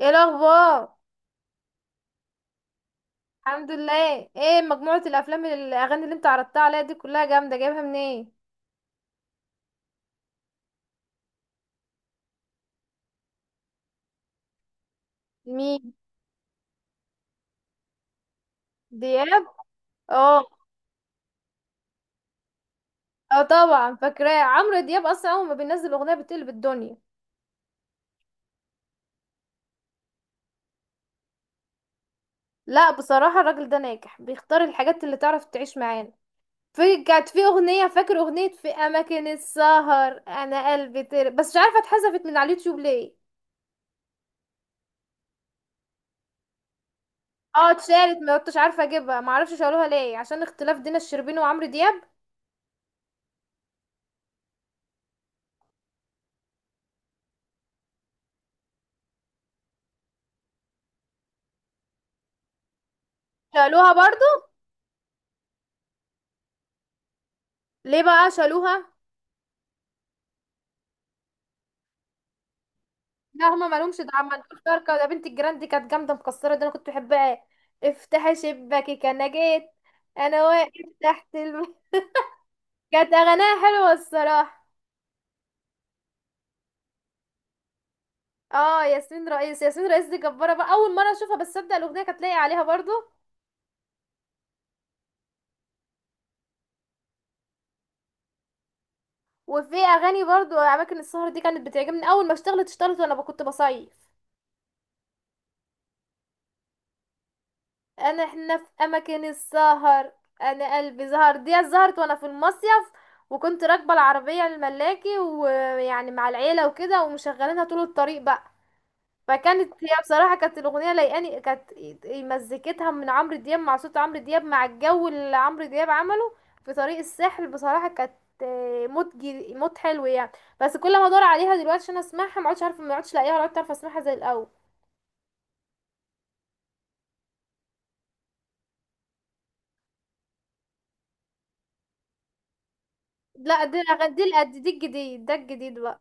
ايه الاخبار؟ الحمد لله. ايه مجموعة الافلام الاغاني اللي انت عرضتها عليا دي كلها جامدة، جايبها منين؟ مين؟ دياب. اه. اه طبعا فاكراه، عمرو دياب اصلا اول ما بينزل اغنية بتقلب الدنيا. لا بصراحة الراجل ده ناجح، بيختار الحاجات اللي تعرف تعيش معانا. في كانت في اغنية، فاكر اغنية في اماكن السهر انا قلبي بس مش عارفة اتحذفت من على اليوتيوب ليه. اه اتشالت ما كنتش عارفة اجيبها، معرفش شالوها ليه، عشان اختلاف دينا الشربيني وعمرو دياب. شالوها برضو؟ ليه بقى شالوها؟ لا هما مالهمش دعم، ما نقولش بركة، ده بنت الجيران دي كانت جامدة مكسرة، ده أنا كنت بحبها. افتحي شباكك أنا جيت، أنا واقف تحت كانت أغانيها حلوة الصراحة. اه ياسمين رئيس، ياسمين رئيس دي جبارة بقى، أول مرة أشوفها بس أبدأ الأغنية كانت لاقية عليها برضو. وفي أغاني برضو أماكن السهر دي كانت بتعجبني أول ما اشتغلت، اشتغلت وأنا كنت بصيف. انا احنا في اماكن السهر انا قلبي زهر، دي زهرت وانا في المصيف، وكنت راكبه العربيه الملاكي ويعني مع العيله وكده ومشغلينها طول الطريق بقى. فكانت هي بصراحه كانت الاغنيه لايقاني، كانت مزيكتها من عمرو دياب، مع صوت عمرو دياب، مع الجو اللي عمرو دياب عمله في طريق الساحل. بصراحه كانت موت موت حلو يعني. بس كل ما ادور عليها دلوقتي عشان اسمعها ما عادش عارفه، ما عادش لاقيها ولا عارفه اسمعها زي الاول. لا دي دي دي الجديد، ده الجديد بقى.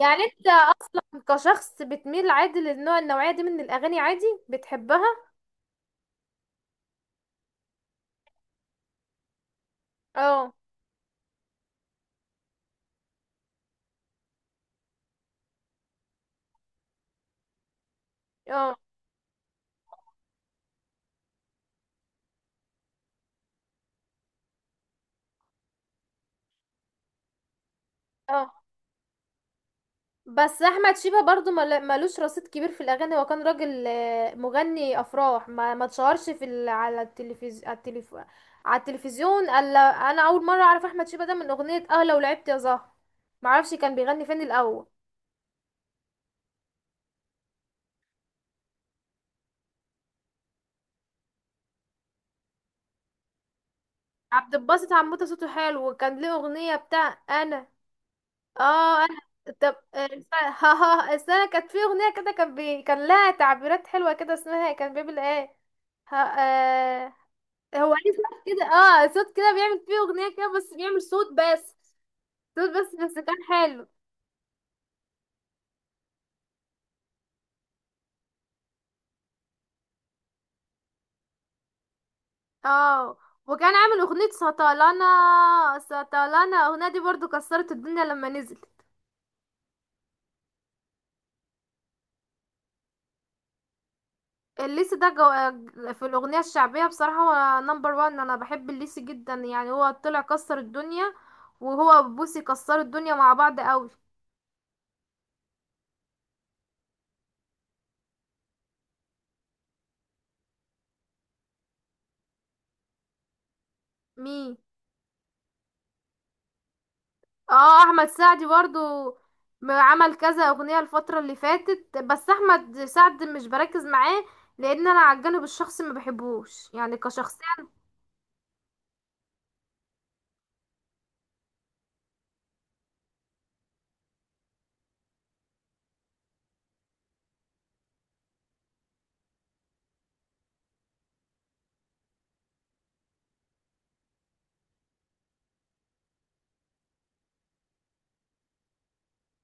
يعني انت كشخص بتميل عادي للنوع، النوعية دي من الأغاني عادي بتحبها؟ اه. اه. اه بس أحمد شيبة برضو ملوش رصيد كبير في الأغاني، هو كان راجل مغني أفراح ما اتشهرش في على التلفزيون، على على التلفزيون. ألا أنا أول مرة أعرف أحمد شيبة ده من أغنية، اه لو لعبت يا زهر. معرفش كان بيغني فين الأول. عبد الباسط حموته صوته حلو، وكان ليه أغنية بتاع أنا. اه انا. طب ها ها السنة كانت في اغنية كده، كان كان لها تعبيرات حلوة كده، اسمها كان بيعمل ايه. ها هو ليه صوت كده، اه صوت كده بيعمل فيه اغنية كده، بس بيعمل صوت بس، صوت بس، بس كان حلو. اه وكان عامل اغنية سطلانة، سطلانة الاغنية دي برضو كسرت الدنيا لما نزلت. الليسي ده في الأغنية الشعبية بصراحة هو نمبر وان. أنا بحب الليسي جدا، يعني هو طلع كسر الدنيا، وهو بوسي كسروا الدنيا مع بعض قوي. مين؟ اه أحمد سعد برضو عمل كذا أغنية الفترة اللي فاتت، بس أحمد سعد مش بركز معاه لأن أنا على الجانب الشخصي ما بحبوش يعني كشخصية.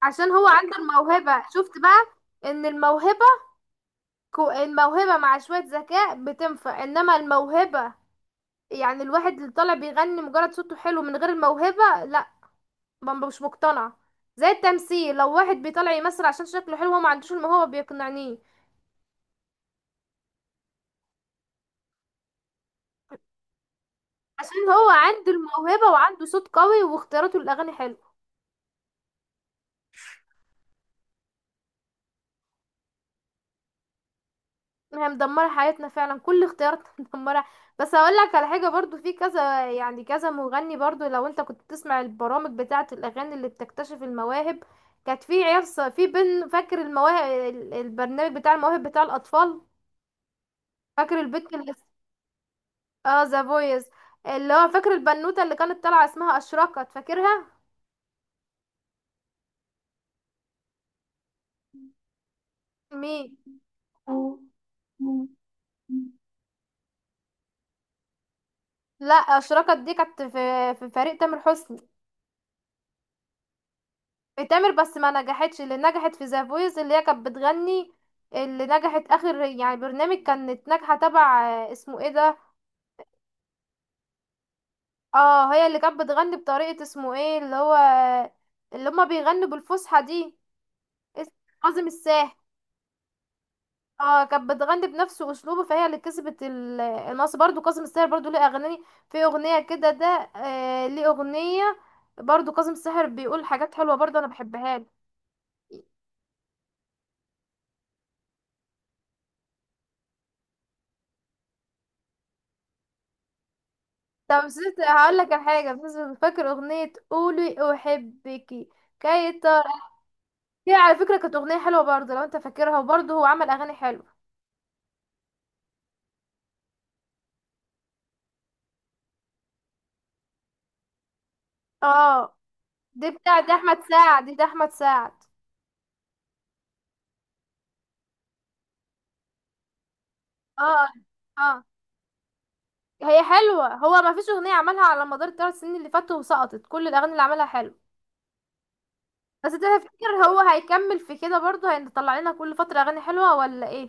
عشان هو عنده الموهبة. شفت بقى؟ إن الموهبة، الموهبة مع شوية ذكاء بتنفع، إنما الموهبة يعني الواحد اللي طالع بيغني مجرد صوته حلو من غير الموهبة لا، مش مقتنع. زي التمثيل، لو واحد بيطلع يمثل عشان شكله حلو هو ما عندوش الموهبة بيقنعنيه. عشان هو عنده الموهبة وعنده صوت قوي، واختياراته للأغاني حلو. هي مدمرة حياتنا فعلا، كل اختياراتنا مدمرة. بس هقول لك على حاجة برضو، في كذا يعني كذا مغني برضو، لو انت كنت بتسمع البرامج بتاعة الأغاني اللي بتكتشف المواهب، كانت في عيال في بن، فاكر المواهب، البرنامج بتاع المواهب بتاع الأطفال؟ فاكر البنت اللي، اه ذا فويس، اللي هو فاكر البنوتة اللي كانت طالعة اسمها أشرقت، فاكرها؟ مين؟ لا أشرقت دي كانت في فريق تامر حسني. في تامر بس ما نجحتش، اللي نجحت في ذا فويس اللي هي كانت بتغني، اللي نجحت اخر يعني برنامج كانت ناجحة تبع اسمه ايه ده. اه هي اللي كانت بتغني بطريقة، اسمه ايه اللي هو، اللي هما بيغنوا بالفصحى دي. اسم- كاظم الساهر. اه كانت بتغني بنفس اسلوبه، فهي اللي كسبت النص. برضو كاظم الساهر برضو ليه اغاني، في اغنيه كده ده، آه ليه اغنيه. برضو كاظم الساهر بيقول حاجات حلوه، برضو انا بحبها له. طب ست، هقول لك على حاجه بس، فاكر اغنيه قولي احبكي، كي تر دي على فكره كانت اغنيه حلوه برضو لو انت فاكرها، وبرضو هو عمل اغاني حلوه. اه دي بتاع ده احمد سعد، دي ده احمد سعد. اه. اه. هي حلوة هو، ما فيش أغنية عملها على مدار 3 سنين اللي فاتوا وسقطت، كل الأغاني اللي عملها حلو. بس تفتكر هو هيكمل في كده برضه، هيطلع لنا كل فترة أغاني حلوة ولا ايه؟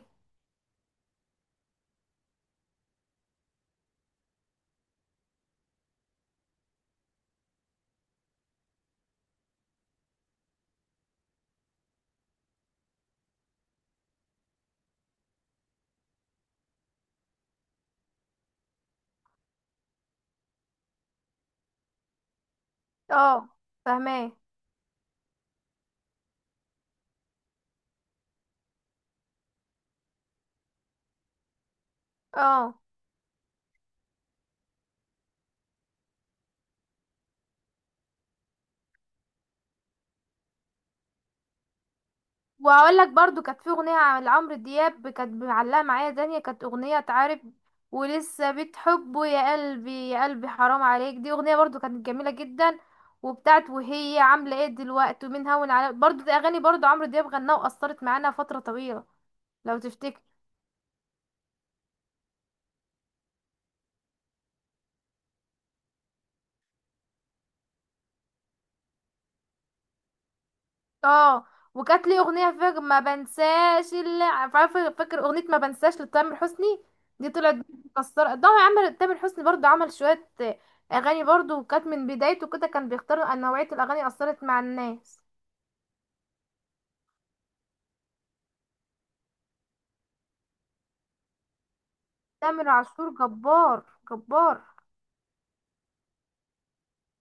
اه. فاهماه. اه وهقول لك برضه، كانت في أغنية عن لعمرو دياب كانت معلقة معايا، دنيا كانت أغنية تعرف، ولسه بتحبه يا قلبي، يا قلبي حرام عليك، دي أغنية برضه كانت جميلة جدا. وبتاعت وهي عاملة ايه دلوقتي، ومين هون على، برضه دي أغاني برضه عمرو دياب غناها وأثرت معانا فترة طويلة، لو تفتكر. اه وكانت لي اغنيه، فاكر ما بنساش اللي عارفه، فاكر اغنيه ما بنساش لتامر حسني، دي طلعت مكسره. ده عمل تامر حسني برضو، عمل شويه اغاني برضو وكانت من بدايته كده كان بيختار ان نوعيه الاغاني اثرت مع الناس. تامر عاشور جبار، جبار.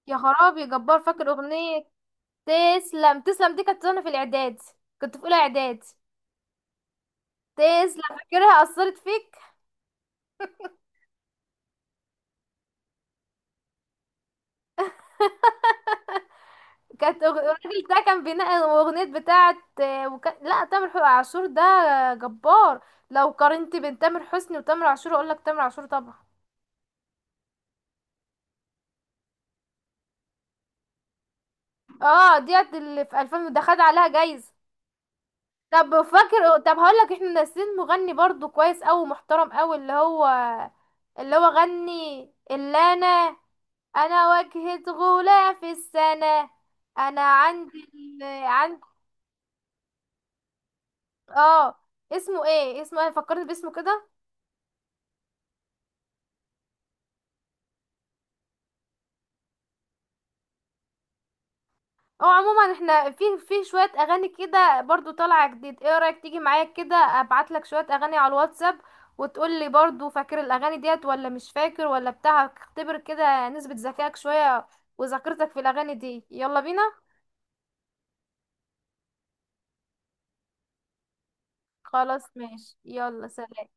يا خرابي جبار، فاكر اغنيه تسلم، تسلم دي كانت وانا في الاعداد، كنت في اولى اعداد. تسلم فاكرها، اثرت فيك؟ كانت الراجل ده كان بينقي الاغنيه بتاعه لا تامر عاشور ده جبار. لو قارنت بين تامر حسني وتامر عاشور اقول لك تامر عاشور طبعا. اه ديت اللي في 2000 ده خد عليها جايزه. طب فاكر، طب هقول لك احنا ناسيين مغني برضو كويس قوي محترم قوي، اللي هو اللي هو غني، اللي انا، انا واجهة غلاة في السنة، انا عندي عندي. اه اسمه ايه، اسمه انا فكرت باسمه كده. اه عموما احنا في، في شوية اغاني كده برضو طالعة جديد، ايه رأيك تيجي معايا كده ابعت لك شوية اغاني على الواتساب، وتقول لي برضو فاكر الاغاني ديت ولا مش فاكر ولا بتاع. اختبر كده نسبة ذكائك شوية، وذاكرتك في الاغاني دي. يلا بينا. خلاص ماشي يلا سلام.